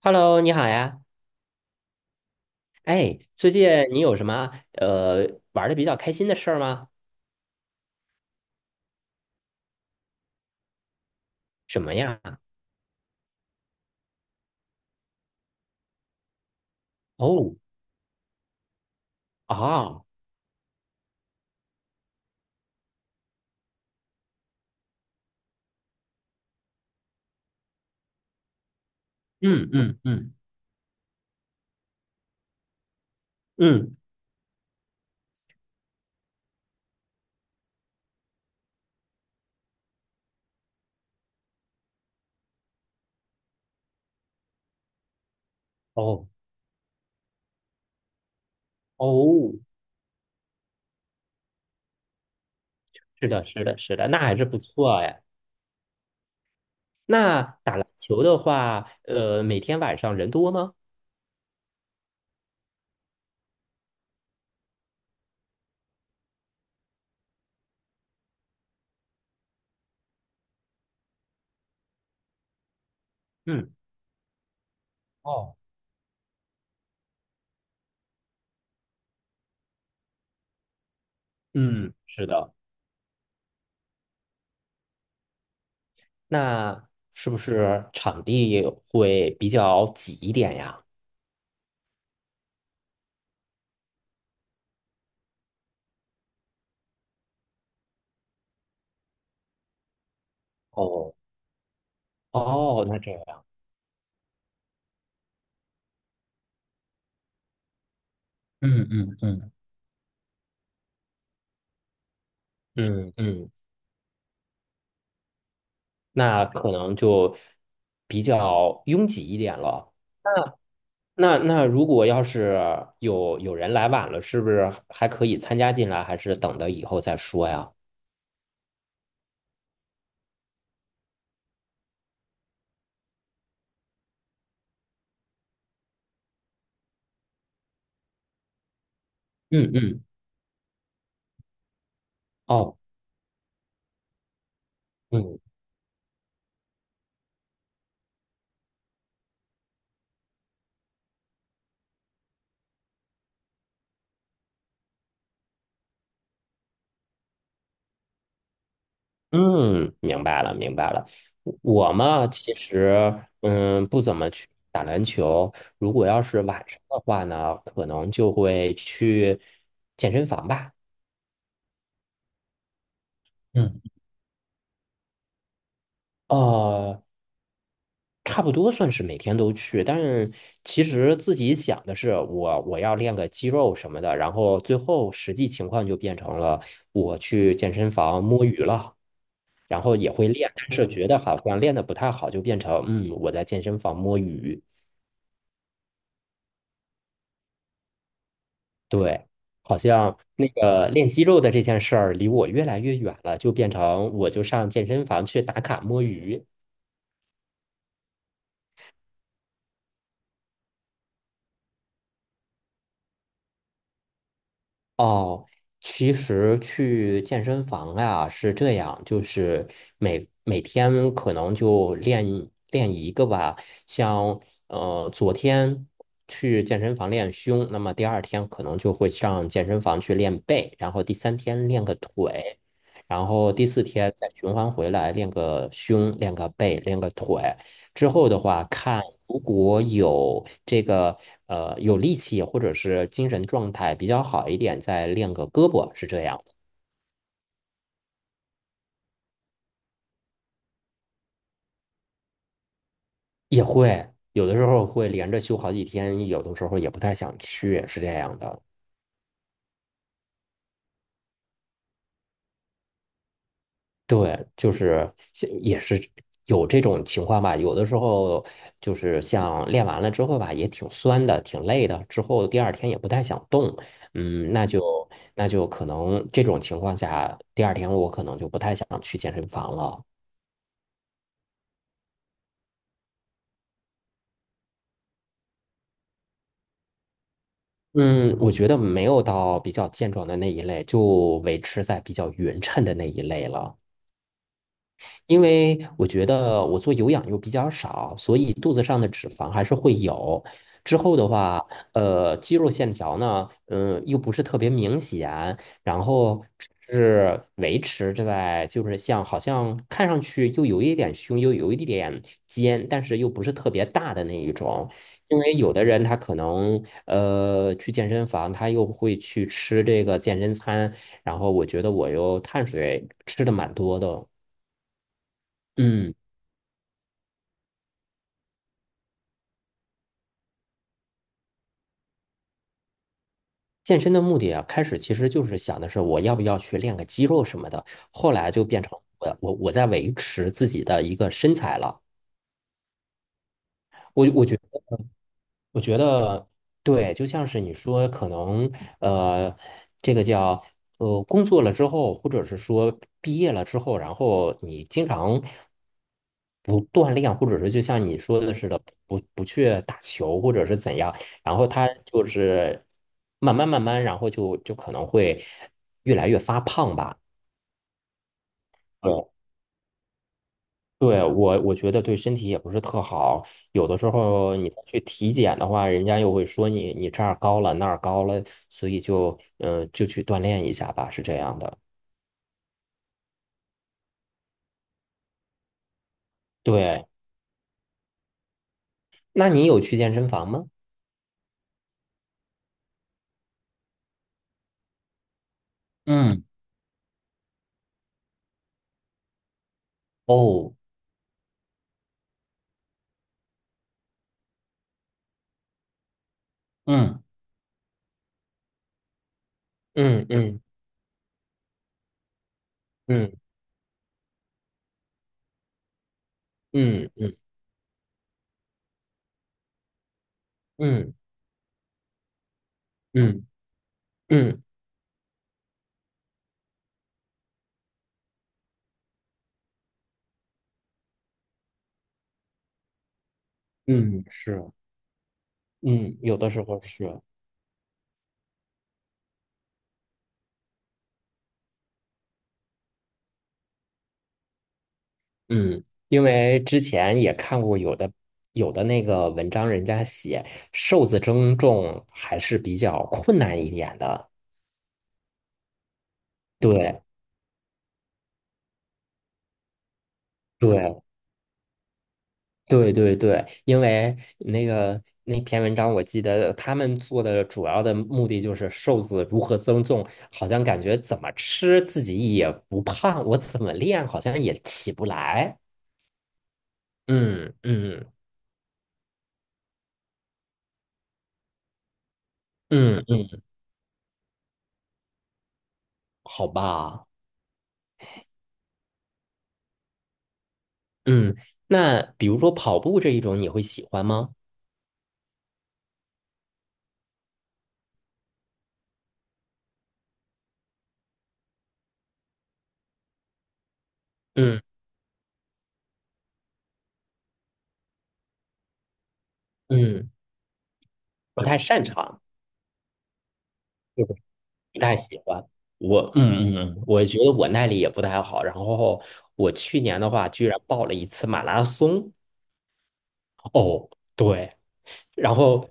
Hello，你好呀。哎，最近你有什么玩的比较开心的事儿吗？什么呀？哦，啊，嗯嗯嗯嗯，哦哦，是的，是的，是的，那还是不错哎。那打篮球的话，呃，每天晚上人多吗？嗯，哦，嗯，是的。那是不是场地会比较挤一点呀？哦哦，那这样。嗯嗯嗯嗯嗯，那可能就比较拥挤一点了。那如果要是有人来晚了，是不是还可以参加进来，还是等到以后再说呀？嗯嗯，哦，嗯嗯，明白了明白了。我嘛，其实嗯不怎么去打篮球，如果要是晚上的话呢，可能就会去健身房吧。嗯。哦，差不多算是每天都去，但是其实自己想的是我要练个肌肉什么的，然后最后实际情况就变成了我去健身房摸鱼了，然后也会练，但是觉得好像练得不太好，就变成嗯我在健身房摸鱼，对，好像那个练肌肉的这件事儿离我越来越远了，就变成我就上健身房去打卡摸鱼。哦，其实去健身房啊是这样，就是每天可能就练练一个吧，像昨天去健身房练胸，那么第二天可能就会上健身房去练背，然后第三天练个腿，然后第四天再循环回来练个胸、练个背、练个腿。之后的话，看如果有这个有力气或者是精神状态比较好一点，再练个胳膊是这样的，也会有的时候会连着休好几天，有的时候也不太想去，是这样的。对，就是像也是有这种情况吧。有的时候就是像练完了之后吧，也挺酸的，挺累的，之后第二天也不太想动。嗯，那就那就可能这种情况下，第二天我可能就不太想去健身房了。嗯，我觉得没有到比较健壮的那一类，就维持在比较匀称的那一类了。因为我觉得我做有氧又比较少，所以肚子上的脂肪还是会有。之后的话，呃，肌肉线条呢，嗯，又不是特别明显，然后是维持着在就是像好像看上去又有一点胸，又有一点肩，但是又不是特别大的那一种。因为有的人他可能去健身房，他又会去吃这个健身餐，然后我觉得我又碳水吃的蛮多的，嗯。健身的目的啊，开始其实就是想的是我要不要去练个肌肉什么的，后来就变成我在维持自己的一个身材了。我我觉我觉得对，就像是你说，可能呃，这个叫，工作了之后，或者是说毕业了之后，然后你经常不锻炼，或者是就像你说的似的，不去打球，或者是怎样，然后他就是慢慢慢慢，然后就可能会越来越发胖吧。对，我觉得对身体也不是特好，有的时候你再去体检的话，人家又会说你这儿高了那儿高了，所以就去锻炼一下吧，是这样的。对，那你有去健身房吗？嗯哦，嗯，嗯嗯嗯嗯嗯嗯嗯嗯嗯，是，嗯，有的时候是。嗯，因为之前也看过有的那个文章，人家写瘦子增重还是比较困难一点的。对对对对对，因为那个那篇文章，我记得他们做的主要的目的就是瘦子如何增重，好像感觉怎么吃自己也不胖，我怎么练好像也起不来。嗯嗯嗯嗯，好吧，嗯，那比如说跑步这一种，你会喜欢吗？嗯嗯，不太擅长，就是不太喜欢。我嗯嗯嗯，我觉得我耐力也不太好。然后我去年的话，居然报了一次马拉松。哦，对，然后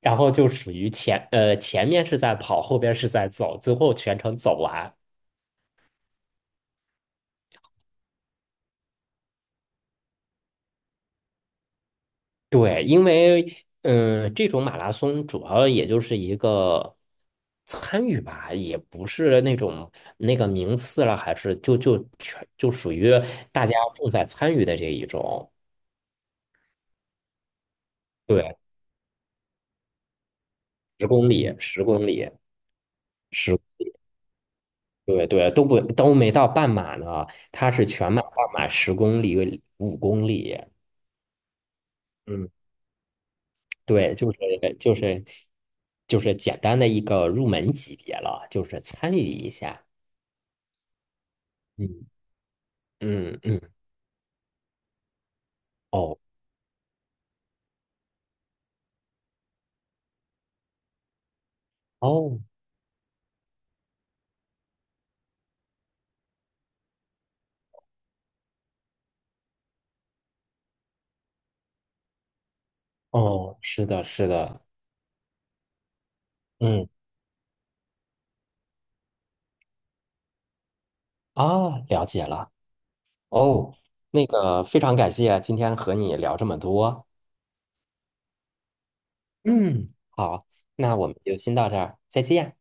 然后就属于前面是在跑，后边是在走，最后全程走完。对，因为嗯，这种马拉松主要也就是一个参与吧，也不是那种那个名次了，还是就属于大家重在参与的这一种。对，十公里，十公里，十，对对，都没到半马呢，它是全马、半马、十公里、5公里。嗯，对，就是就是简单的一个入门级别了，就是参与一下。嗯嗯嗯。哦哦哦，是的，是的，嗯啊，了解了。哦，那个非常感谢今天和你聊这么多。嗯，好，那我们就先到这儿，再见。